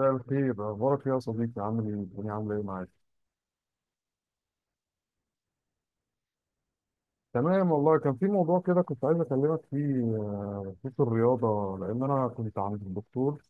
مساء الخير، اخبارك ايه يا صديقي؟ عامل ايه؟ الدنيا عامله ايه معاك؟ تمام والله. كان في موضوع كده كنت عايز اكلمك فيه، خصوص الرياضه. لان انا كنت عند الدكتور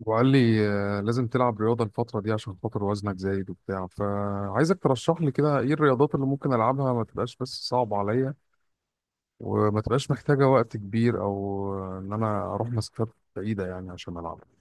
وقال لي لازم تلعب رياضه الفتره دي عشان خاطر وزنك زايد وبتاع. فعايزك ترشح لي كده ايه الرياضات اللي ممكن العبها، ما تبقاش بس صعبه عليا، وما تبقاش محتاجه وقت كبير او ان انا اروح مسافات بعيده يعني عشان العبها.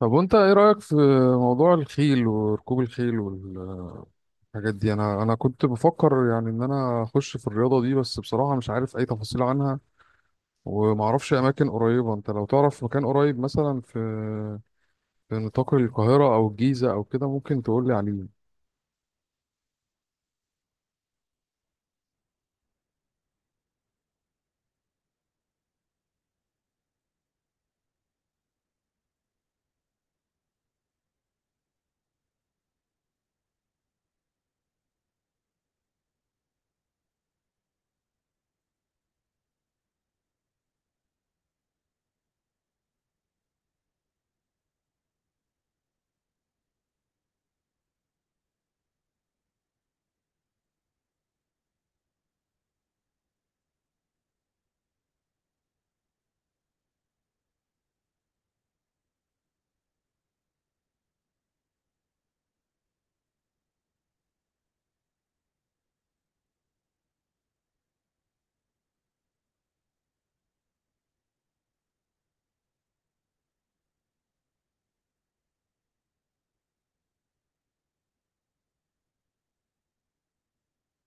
طب وانت ايه رايك في موضوع الخيل وركوب الخيل والرياضه الحاجات دي؟ انا كنت بفكر يعني ان انا اخش في الرياضه دي، بس بصراحه مش عارف اي تفاصيل عنها. وما اعرفش اماكن قريبه. انت لو تعرف مكان قريب مثلا في نطاق القاهره او الجيزه او كده ممكن تقول لي عليه؟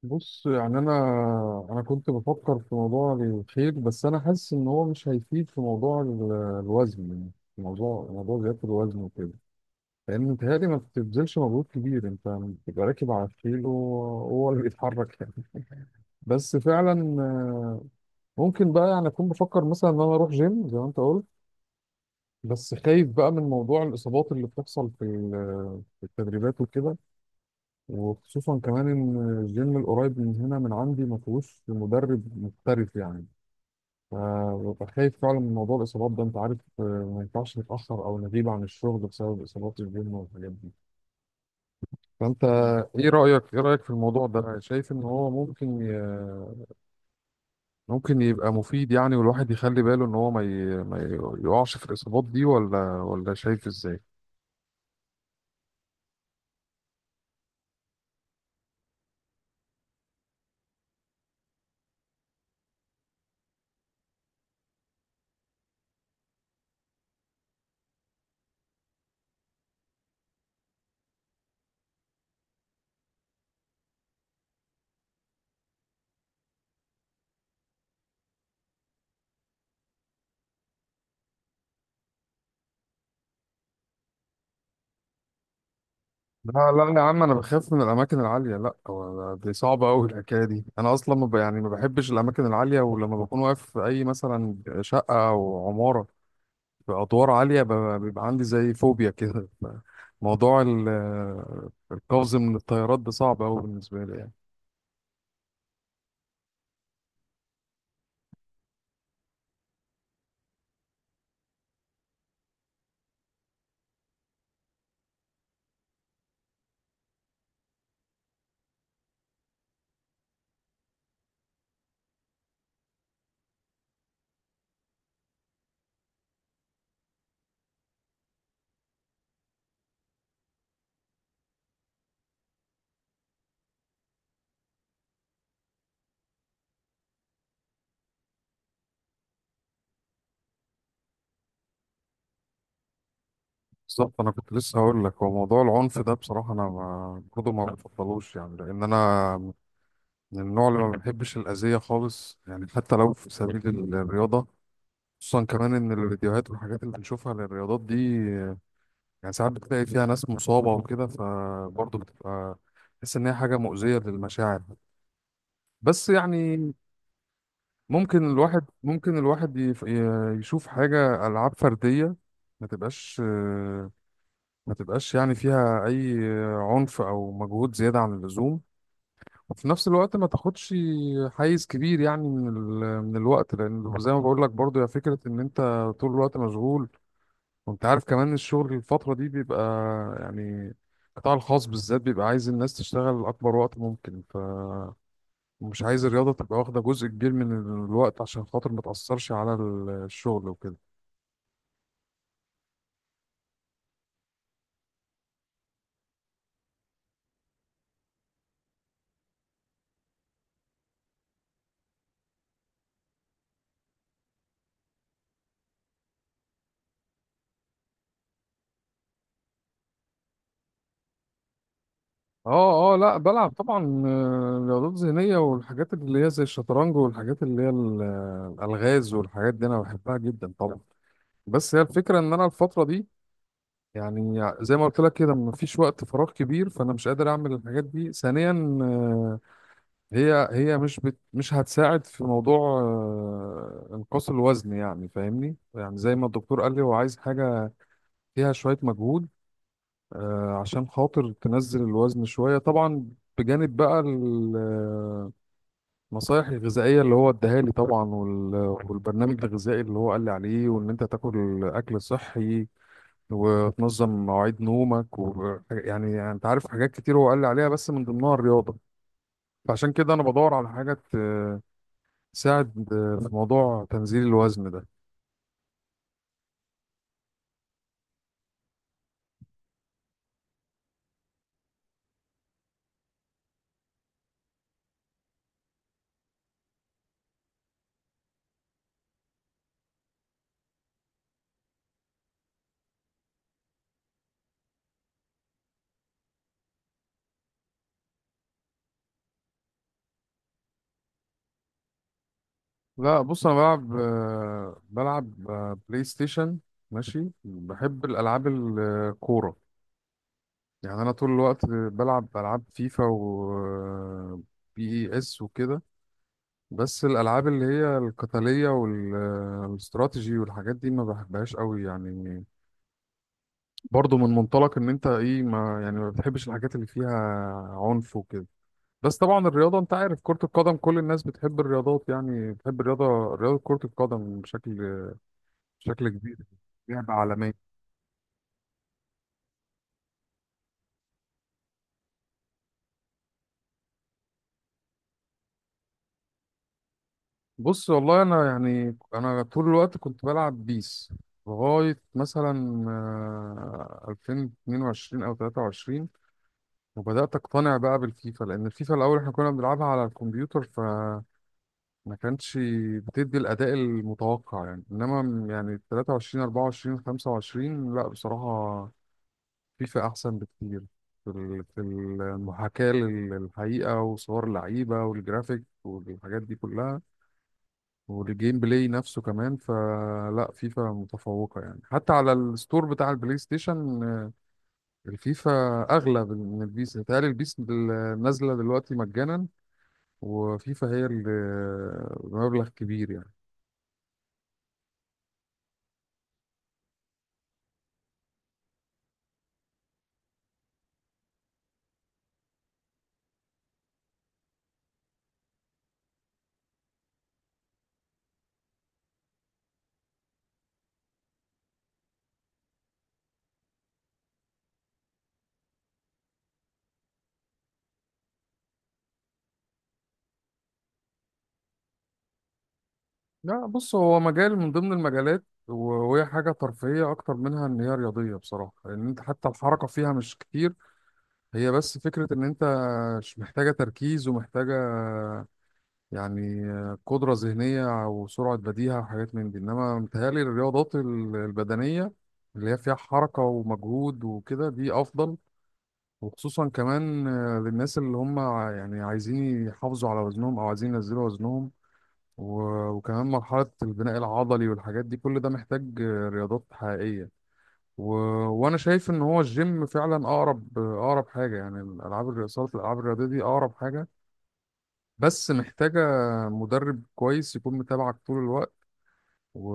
بص يعني انا كنت بفكر في موضوع الخيل، بس انا حاسس ان هو مش هيفيد في موضوع الوزن، يعني في موضوع زياده الوزن وكده. لان متهيألي ما بتبذلش مجهود كبير. انت بتبقى راكب على الخيل وهو اللي بيتحرك يعني. بس فعلا ممكن بقى يعني اكون بفكر مثلا ان انا اروح جيم زي ما انت قلت. بس خايف بقى من موضوع الاصابات اللي بتحصل في التدريبات وكده. وخصوصا كمان ان الجيم القريب من هنا من عندي ما فيهوش مدرب محترف يعني. فببقى خايف فعلا من موضوع الاصابات ده. انت عارف ما ينفعش نتاخر او نغيب عن الشغل بسبب اصابات الجيم والحاجات دي. فانت ايه رايك في الموضوع ده؟ شايف ان هو ممكن يبقى مفيد يعني، والواحد يخلي باله ان هو ما ي... ما ي- يقعش في الاصابات دي، ولا شايف ازاي؟ لا، لا يا عم، انا بخاف من الاماكن العاليه. لا، هو دي صعبه قوي الحكايه دي. انا اصلا ما ب... يعني ما بحبش الاماكن العاليه. ولما بكون واقف في اي مثلا شقه او عماره في ادوار عاليه، بيبقى عندي زي فوبيا كده. موضوع القفز من الطيارات ده صعب قوي بالنسبه لي يعني. بالظبط، انا كنت لسه هقول لك. هو موضوع العنف ده بصراحه انا ما برضه ما بفضلوش يعني. لان انا من النوع اللي ما بيحبش الأذية خالص يعني، حتى لو في سبيل الرياضة. خصوصا كمان إن الفيديوهات والحاجات اللي بنشوفها للرياضات دي، يعني ساعات بتلاقي فيها ناس مصابة وكده، فبرضه بتبقى تحس إن هي حاجة مؤذية للمشاعر. بس يعني ممكن الواحد يشوف حاجة ألعاب فردية ما تبقاش ما تبقاش يعني فيها أي عنف أو مجهود زيادة عن اللزوم. وفي نفس الوقت ما تاخدش حيز كبير يعني من الوقت. لان زي ما بقول لك برضو يا فكره، ان انت طول الوقت مشغول. وانت عارف كمان الشغل الفتره دي بيبقى، يعني القطاع الخاص بالذات بيبقى عايز الناس تشتغل اكبر وقت ممكن. فمش عايز الرياضه تبقى واخده جزء كبير من الوقت، عشان خاطر ما تاثرش على الشغل وكده. اه، اه، لا بلعب طبعا رياضات ذهنيه، والحاجات اللي هي زي الشطرنج والحاجات اللي هي الالغاز والحاجات دي انا بحبها جدا طبعا. بس هي الفكرة ان انا الفترة دي، يعني زي ما قلت لك كده، مفيش وقت فراغ كبير، فانا مش قادر اعمل الحاجات دي. ثانيا، هي مش هتساعد في موضوع انقاص الوزن يعني. فاهمني؟ يعني زي ما الدكتور قال لي، هو عايز حاجة فيها شوية مجهود، عشان خاطر تنزل الوزن شوية طبعا. بجانب بقى النصايح الغذائية اللي هو اداها لي طبعا، والبرنامج الغذائي اللي هو قال لي عليه، وان انت تاكل اكل صحي، وتنظم مواعيد نومك يعني، انت عارف حاجات كتير هو قال لي عليها، بس من ضمنها الرياضة. فعشان كده انا بدور على حاجة تساعد في موضوع تنزيل الوزن ده. لا، بص، انا بلعب بلاي ستيشن. ماشي. بحب الالعاب الكورة، يعني انا طول الوقت بلعب العاب فيفا و PES وكده. بس الالعاب اللي هي القتالية والاستراتيجي والحاجات دي ما بحبهاش قوي يعني. برضه من منطلق ان انت ايه ما يعني ما بتحبش الحاجات اللي فيها عنف وكده. بس طبعا الرياضه، انت عارف، كره القدم كل الناس بتحب الرياضات، يعني بتحب رياضه كره القدم بشكل كبير. لعبه عالميه. بص والله انا يعني انا طول الوقت كنت بلعب بيس لغايه مثلا 2022 او 23. وبدات اقتنع بقى بالفيفا، لان الفيفا الاول احنا كنا بنلعبها على الكمبيوتر، ف ما كانتش بتدي الاداء المتوقع يعني. انما يعني 23 24 25، لا بصراحه فيفا احسن بكتير في المحاكاه للحقيقه وصور اللعيبه والجرافيك والحاجات دي كلها. والجيم بلاي نفسه كمان، فلا فيفا متفوقه يعني حتى على الستور بتاع البلاي ستيشن. الفيفا اغلى من البيس. بتهيألي البيس نازله دلوقتي مجانا، وفيفا هي اللي بمبلغ كبير يعني. لا، بص، هو مجال من ضمن المجالات، وهي حاجة ترفيهية أكتر منها إن هي رياضية بصراحة. لأن أنت حتى الحركة فيها مش كتير. هي بس فكرة إن أنت مش محتاجة تركيز، ومحتاجة يعني قدرة ذهنية وسرعة بديهة وحاجات من دي. إنما متهيألي الرياضات البدنية اللي هي فيها حركة ومجهود وكده دي أفضل. وخصوصا كمان للناس اللي هم يعني عايزين يحافظوا على وزنهم أو عايزين ينزلوا وزنهم. وكمان مرحلة البناء العضلي والحاجات دي كل ده محتاج رياضات حقيقية. و... وأنا شايف إن هو الجيم فعلا أقرب حاجة. يعني الألعاب الرياضية صالة الألعاب الرياضية دي أقرب حاجة. بس محتاجة مدرب كويس يكون متابعك طول الوقت، و...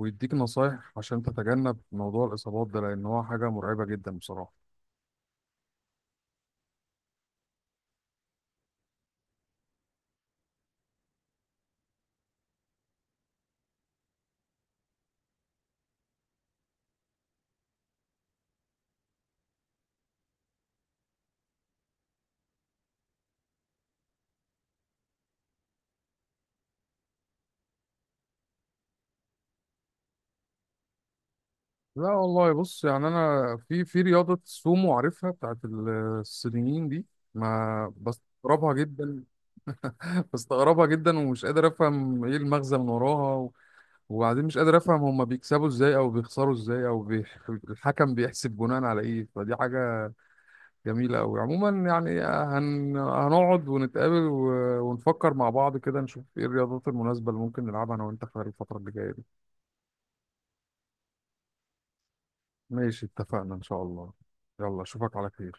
ويديك نصايح عشان تتجنب موضوع الإصابات ده، لأن هو حاجة مرعبة جدا بصراحة. لا والله، بص يعني أنا في رياضة سومو عارفها بتاعت الصينيين دي. ما بستغربها جدا. بستغربها جدا ومش قادر افهم ايه المغزى من وراها، وبعدين مش قادر افهم هما بيكسبوا ازاي او بيخسروا ازاي او الحكم بيحسب بناء على ايه. فدي حاجة جميلة قوي عموما، يعني هنقعد ونتقابل ونفكر مع بعض كده، نشوف ايه الرياضات المناسبة اللي ممكن نلعبها انا وانت خلال الفترة اللي جاية دي. ماشي اتفقنا ان شاء الله. يلا اشوفك على خير.